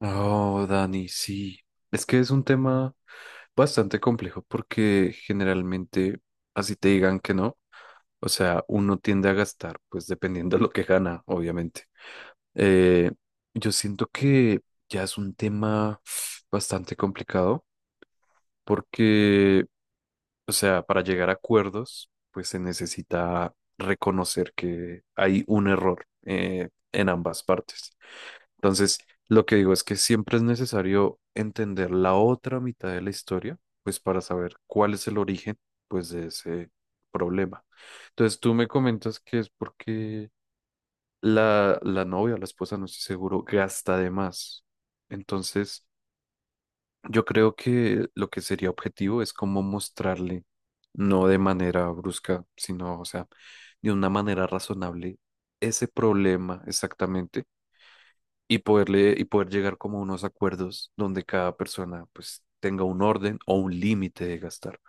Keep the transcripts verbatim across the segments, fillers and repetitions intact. Oh, Dani, sí. Es que es un tema bastante complejo porque generalmente, así te digan que no, o sea, uno tiende a gastar, pues dependiendo de lo que gana, obviamente. Eh, yo siento que ya es un tema bastante complicado porque, o sea, para llegar a acuerdos, pues se necesita reconocer que hay un error eh, en ambas partes. Entonces, lo que digo es que siempre es necesario entender la otra mitad de la historia, pues para saber cuál es el origen, pues de ese problema. Entonces, tú me comentas que es porque la, la novia, la esposa, no estoy seguro, gasta de más. Entonces, yo creo que lo que sería objetivo es como mostrarle, no de manera brusca, sino, o sea, de una manera razonable, ese problema exactamente y poderle, y poder llegar como a unos acuerdos donde cada persona pues tenga un orden o un límite de gastar.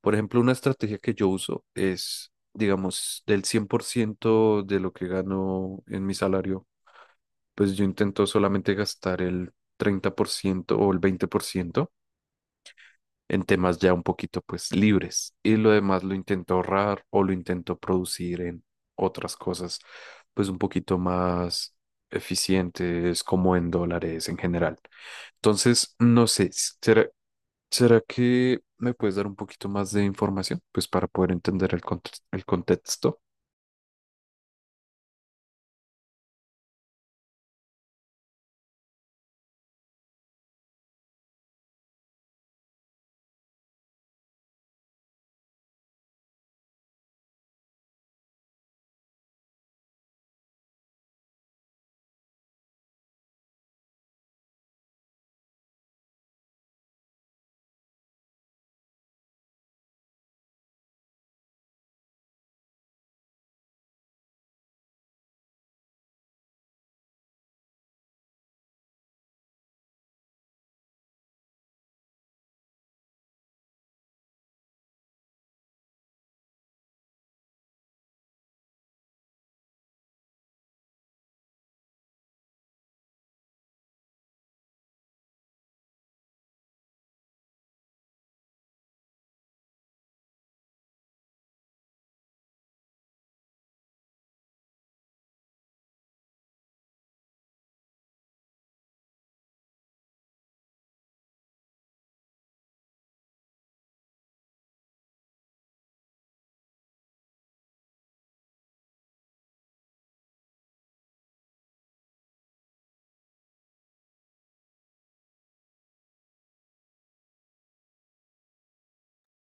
Por ejemplo, una estrategia que yo uso es, digamos, del cien por ciento de lo que gano en mi salario, pues yo intento solamente gastar el treinta por ciento o el veinte por ciento en temas ya un poquito pues libres, y lo demás lo intento ahorrar o lo intento producir en otras cosas pues un poquito más eficientes como en dólares en general. Entonces, no sé, ¿será, será que me puedes dar un poquito más de información pues para poder entender el, conte- el contexto?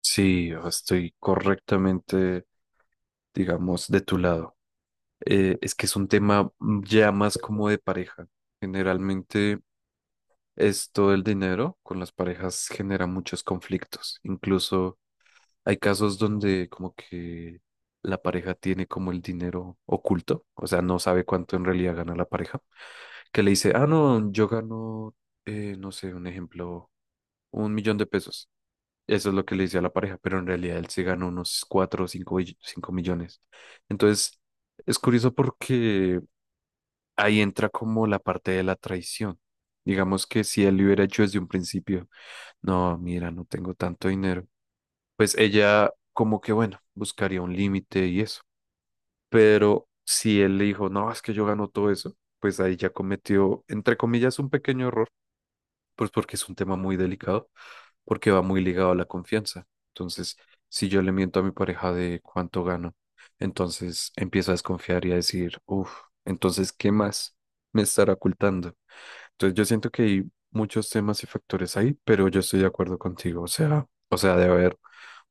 Sí, estoy correctamente, digamos, de tu lado. Eh, es que es un tema ya más como de pareja. Generalmente, esto del dinero con las parejas genera muchos conflictos. Incluso hay casos donde como que la pareja tiene como el dinero oculto, o sea, no sabe cuánto en realidad gana la pareja, que le dice, ah, no, yo gano, eh, no sé, un ejemplo, un millón de pesos. Eso es lo que le dice a la pareja, pero en realidad él se gana unos cuatro o cinco, bill- cinco millones. Entonces, es curioso porque ahí entra como la parte de la traición. Digamos que si él lo hubiera hecho desde un principio, no, mira, no tengo tanto dinero. Pues ella como que, bueno, buscaría un límite y eso. Pero si él le dijo, no, es que yo gano todo eso, pues ahí ya cometió, entre comillas, un pequeño error, pues porque es un tema muy delicado, porque va muy ligado a la confianza. Entonces, si yo le miento a mi pareja de cuánto gano, entonces empiezo a desconfiar y a decir, uff, entonces, ¿qué más me estará ocultando? Entonces yo siento que hay muchos temas y factores ahí, pero yo estoy de acuerdo contigo. O sea, o sea, debe haber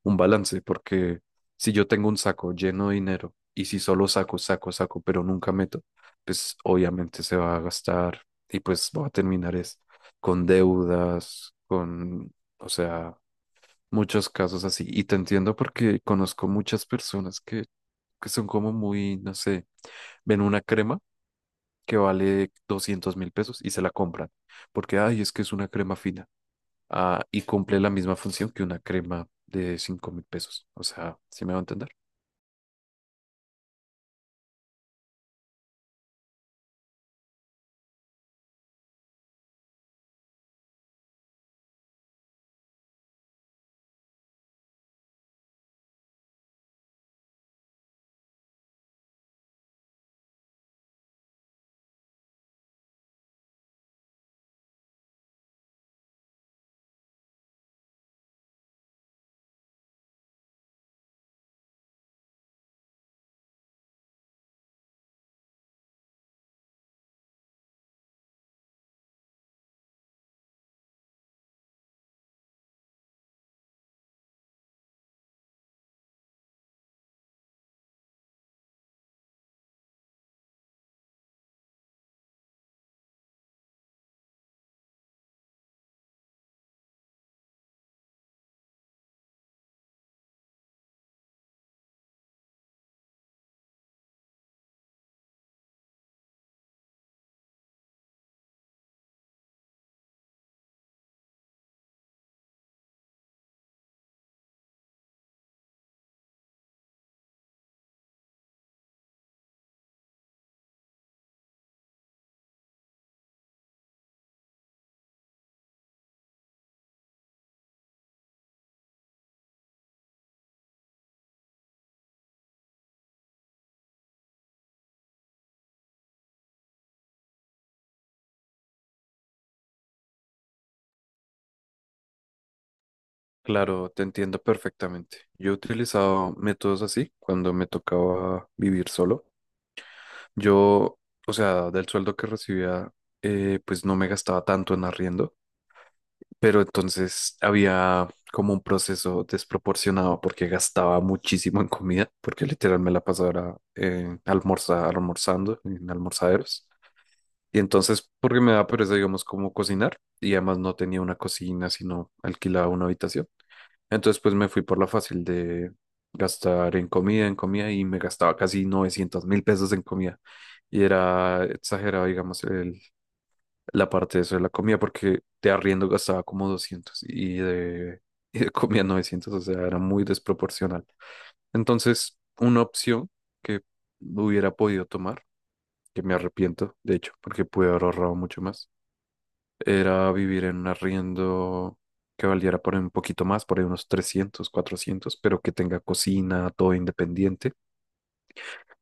un balance, porque si yo tengo un saco lleno de dinero y si solo saco, saco, saco, pero nunca meto, pues obviamente se va a gastar y pues va a terminar es con deudas, con, o sea, muchos casos así. Y te entiendo porque conozco muchas personas que, que, son como muy, no sé, ven una crema que vale doscientos mil pesos y se la compran. Porque, ay, es que es una crema fina. Ah, y cumple la misma función que una crema de cinco mil pesos. O sea, ¿sí me va a entender? Claro, te entiendo perfectamente. Yo he utilizado métodos así cuando me tocaba vivir solo. Yo, o sea, del sueldo que recibía, eh, pues no me gastaba tanto en arriendo. Pero entonces había como un proceso desproporcionado porque gastaba muchísimo en comida, porque literal me la pasaba era, eh, almorza- almorzando en almorzaderos. Y entonces, porque me daba pereza, digamos, como cocinar, y además no tenía una cocina, sino alquilaba una habitación. Entonces, pues me fui por la fácil de gastar en comida, en comida, y me gastaba casi novecientos mil pesos en comida. Y era exagerado, digamos, el, la parte de eso de la comida, porque de arriendo gastaba como doscientos y de, y de comida novecientos. O sea, era muy desproporcional. Entonces, una opción que hubiera podido tomar, que me arrepiento, de hecho, porque pude haber ahorrado mucho más, era vivir en un arriendo que valiera por ahí un poquito más, por ahí unos trescientos, cuatrocientos, pero que tenga cocina, todo independiente,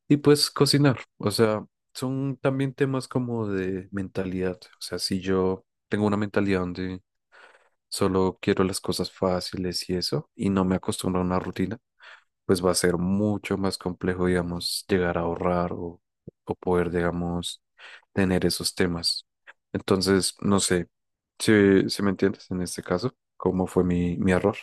y pues cocinar, o sea... Son también temas como de mentalidad. O sea, si yo tengo una mentalidad donde solo quiero las cosas fáciles y eso, y no me acostumbro a una rutina, pues va a ser mucho más complejo, digamos, llegar a ahorrar o, o, poder, digamos, tener esos temas. Entonces, no sé, si, si me entiendes en este caso, ¿cómo fue mi, mi error?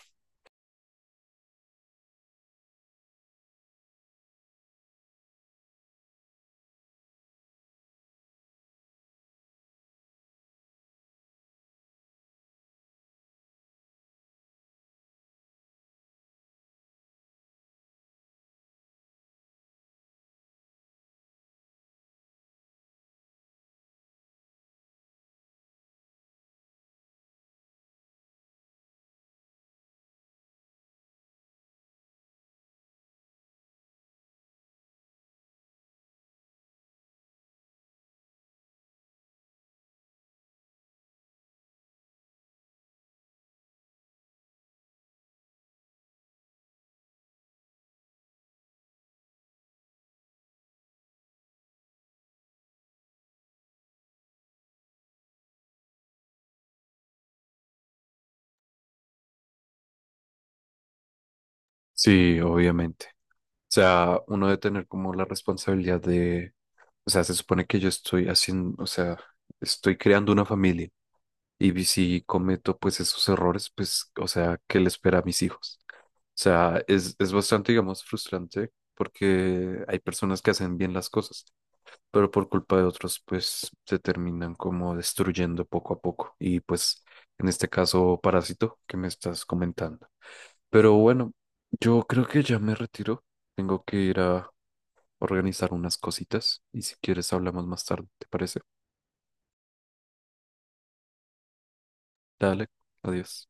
Sí, obviamente. O sea, uno debe tener como la responsabilidad de, o sea, se supone que yo estoy haciendo, o sea, estoy creando una familia. Y vi- si cometo pues esos errores, pues, o sea, ¿qué le espera a mis hijos? O sea, es, es bastante, digamos, frustrante porque hay personas que hacen bien las cosas, pero por culpa de otros, pues se terminan como destruyendo poco a poco. Y pues, en este caso, Parásito, que me estás comentando. Pero bueno, yo creo que ya me retiro. Tengo que ir a organizar unas cositas y si quieres hablamos más tarde, ¿te parece? Dale, adiós.